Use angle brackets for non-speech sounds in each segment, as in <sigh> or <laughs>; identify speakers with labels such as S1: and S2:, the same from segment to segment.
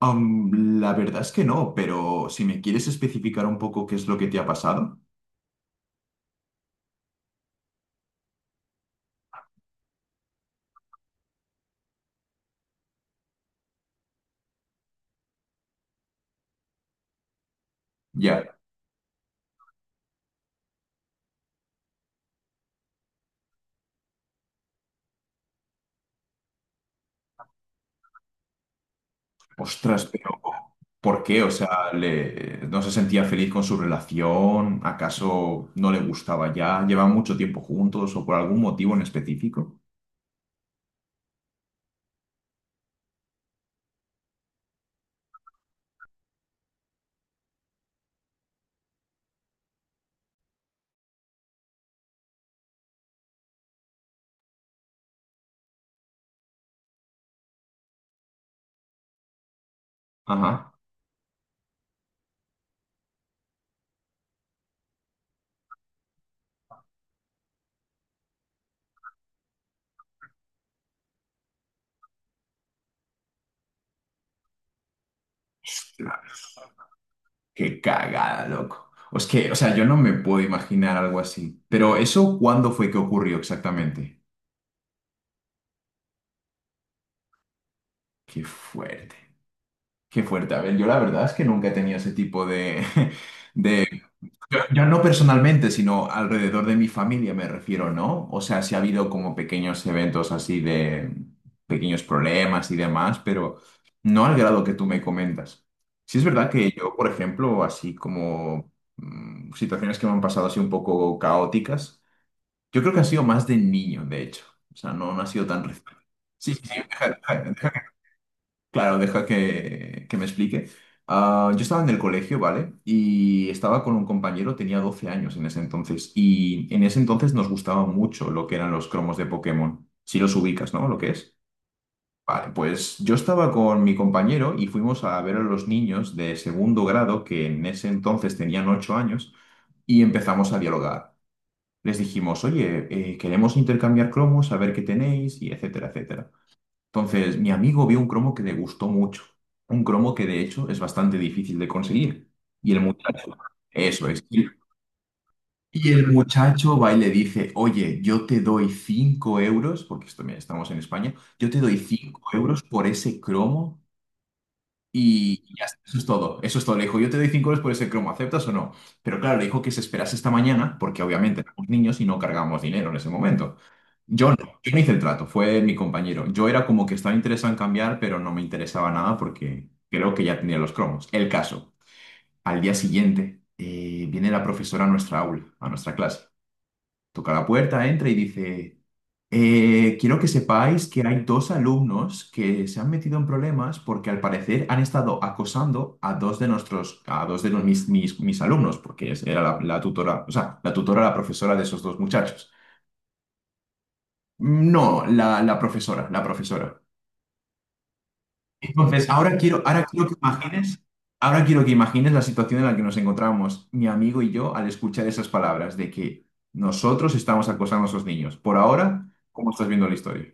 S1: La verdad es que no, pero si me quieres especificar un poco qué es lo que te ha pasado, ya, ostras, pero ¿por qué? O sea, ¿no se sentía feliz con su relación? ¿Acaso no le gustaba ya? ¿Llevan mucho tiempo juntos o por algún motivo en específico? Ajá. Ostras, qué cagada, loco. Es que, o sea, yo no me puedo imaginar algo así. Pero ¿eso cuándo fue que ocurrió exactamente? Qué fuerte. Qué fuerte. A ver, yo la verdad es que nunca he tenido ese tipo de, <laughs> Yo no personalmente, sino alrededor de mi familia me refiero, ¿no? O sea, sí ha habido como pequeños eventos así de pequeños problemas y demás, pero no al grado que tú me comentas. Sí es verdad que yo, por ejemplo, así como situaciones que me han pasado así un poco caóticas, yo creo que ha sido más de niño, de hecho. O sea, no, no ha sido tan reciente. Sí, sí, sí, <laughs> Claro, deja que me explique. Ah, yo estaba en el colegio, ¿vale? Y estaba con un compañero, tenía 12 años en ese entonces. Y en ese entonces nos gustaba mucho lo que eran los cromos de Pokémon. Si los ubicas, ¿no? Lo que es. Vale, pues yo estaba con mi compañero y fuimos a ver a los niños de segundo grado, que en ese entonces tenían 8 años, y empezamos a dialogar. Les dijimos, oye, queremos intercambiar cromos, a ver qué tenéis, y etcétera, etcétera. Entonces, mi amigo vio un cromo que le gustó mucho, un cromo que de hecho es bastante difícil de conseguir. Y el muchacho, eso es. Y el muchacho va y le dice, oye, yo te doy 5 euros, porque esto, mira, estamos en España, yo te doy 5 euros por ese cromo y ya está, eso es todo, eso es todo. Le dijo, yo te doy 5 euros por ese cromo, ¿aceptas o no? Pero claro, le dijo que se esperase esta mañana, porque obviamente éramos niños y no cargábamos dinero en ese momento. Yo no, yo no hice el trato, fue mi compañero. Yo era como que estaba interesado en cambiar, pero no me interesaba nada porque creo que ya tenía los cromos. El caso, al día siguiente viene la profesora a nuestra aula, a nuestra clase. Toca la puerta, entra y dice, "Quiero que sepáis que hay dos alumnos que se han metido en problemas porque al parecer han estado acosando a a dos de no- mis alumnos, porque era la tutora, o sea, la tutora, la profesora de esos dos muchachos. No, la profesora, la profesora. Entonces, ahora quiero que imagines la situación en la que nos encontramos mi amigo y yo al escuchar esas palabras de que nosotros estamos acosando a esos niños. Por ahora, ¿cómo estás viendo la historia?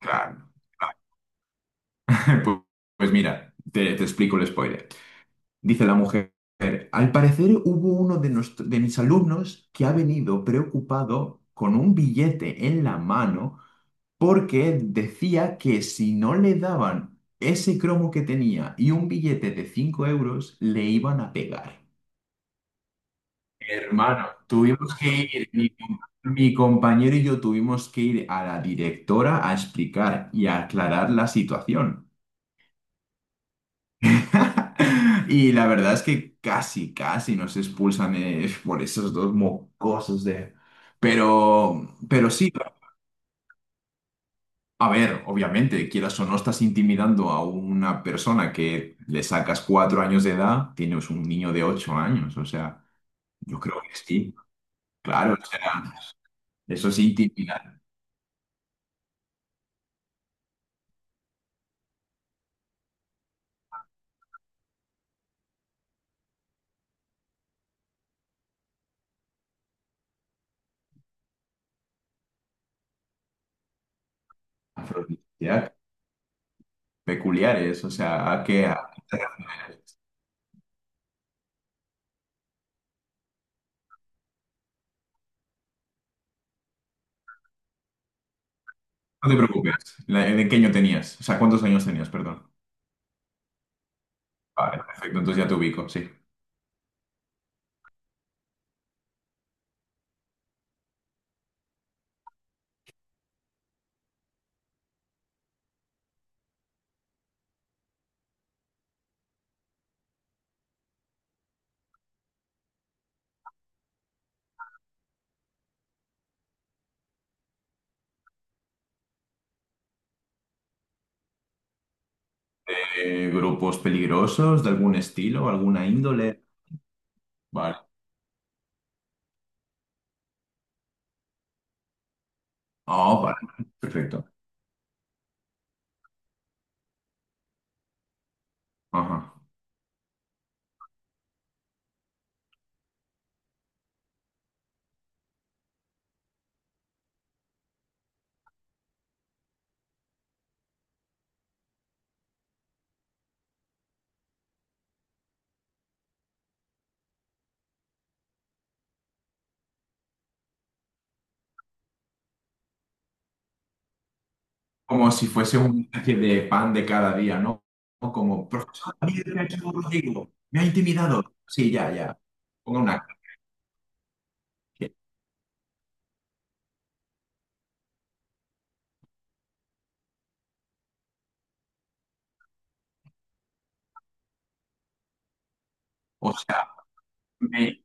S1: Claro. <laughs> Pues, pues mira, te explico el spoiler. Dice la mujer, al parecer hubo uno de mis alumnos que ha venido preocupado con un billete en la mano porque decía que si no le daban ese cromo que tenía y un billete de 5 euros, le iban a pegar. Hermano, tuvimos que ir, mi compañero y yo tuvimos que ir a la directora a explicar y a aclarar la situación. <laughs> Y la verdad es que casi, casi nos expulsan por esos dos mocosos de... Pero sí. A ver, obviamente, quieras o no, estás intimidando a una persona que le sacas 4 años de edad, tienes un niño de 8 años, o sea, yo creo que sí, claro, o sea, eso es intimidar, afrodisíaco, peculiares, o sea, ¿a qué? No te preocupes, ¿de qué año tenías? O sea, ¿cuántos años tenías, perdón? Vale, perfecto, entonces ya te ubico, sí. ¿Grupos peligrosos de algún estilo, alguna índole? Vale. Oh, vale, perfecto. Ajá. Como si fuese una especie de pan de cada día, ¿no? O como, profesor, mire que ha hecho un Rodrigo, me ha intimidado. Sí, ya, ya. Ponga una cara. O sea, me,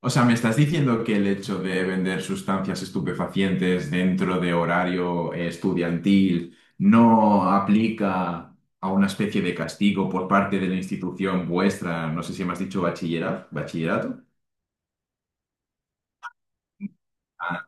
S1: o sea, me estás diciendo que el hecho de vender sustancias estupefacientes dentro de horario estudiantil no aplica a una especie de castigo por parte de la institución vuestra, no sé si me has dicho bachillerato, bachillerato. Ah,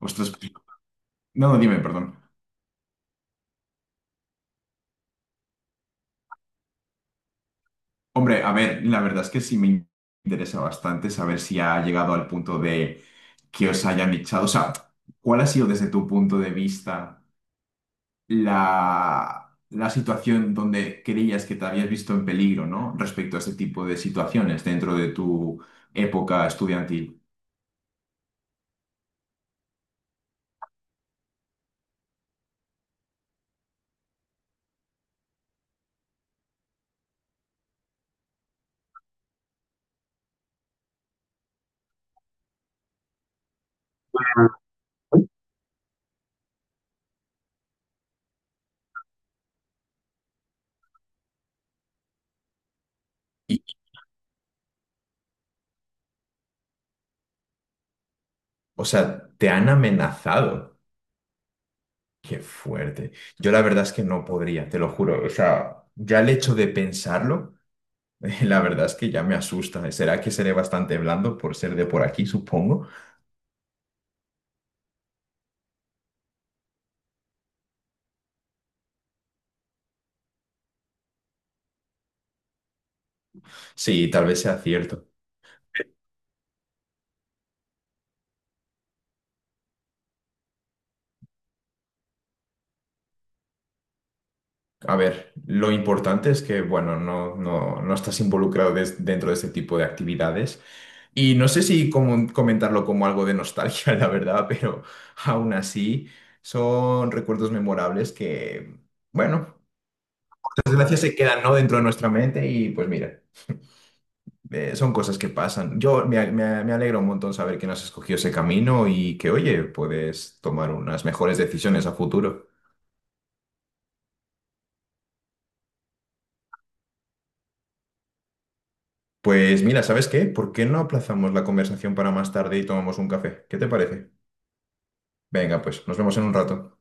S1: ostras, pues, no, dime, perdón. Hombre, a ver, la verdad es que sí me interesa bastante saber si ha llegado al punto de que os hayan echado. O sea, ¿cuál ha sido desde tu punto de vista la situación donde creías que te habías visto en peligro, ¿no? Respecto a este tipo de situaciones dentro de tu época estudiantil. Y, o sea, te han amenazado. Qué fuerte. Yo la verdad es que no podría, te lo juro. O sea, ya el hecho de pensarlo. <laughs> La verdad es que ya me asusta. ¿Será que seré bastante blando por ser de por aquí, supongo? Sí, tal vez sea cierto. A ver, lo importante es que, bueno, no, no, no estás involucrado dentro de este tipo de actividades. Y no sé si comentarlo como algo de nostalgia, <laughs> la verdad, pero aún así son recuerdos memorables que, bueno, por desgracia se quedan, ¿no? dentro de nuestra mente y pues mira. Son cosas que pasan. Yo me alegra un montón saber que no has escogido ese camino y que, oye, puedes tomar unas mejores decisiones a futuro. Pues mira, ¿sabes qué? ¿Por qué no aplazamos la conversación para más tarde y tomamos un café? ¿Qué te parece? Venga, pues nos vemos en un rato.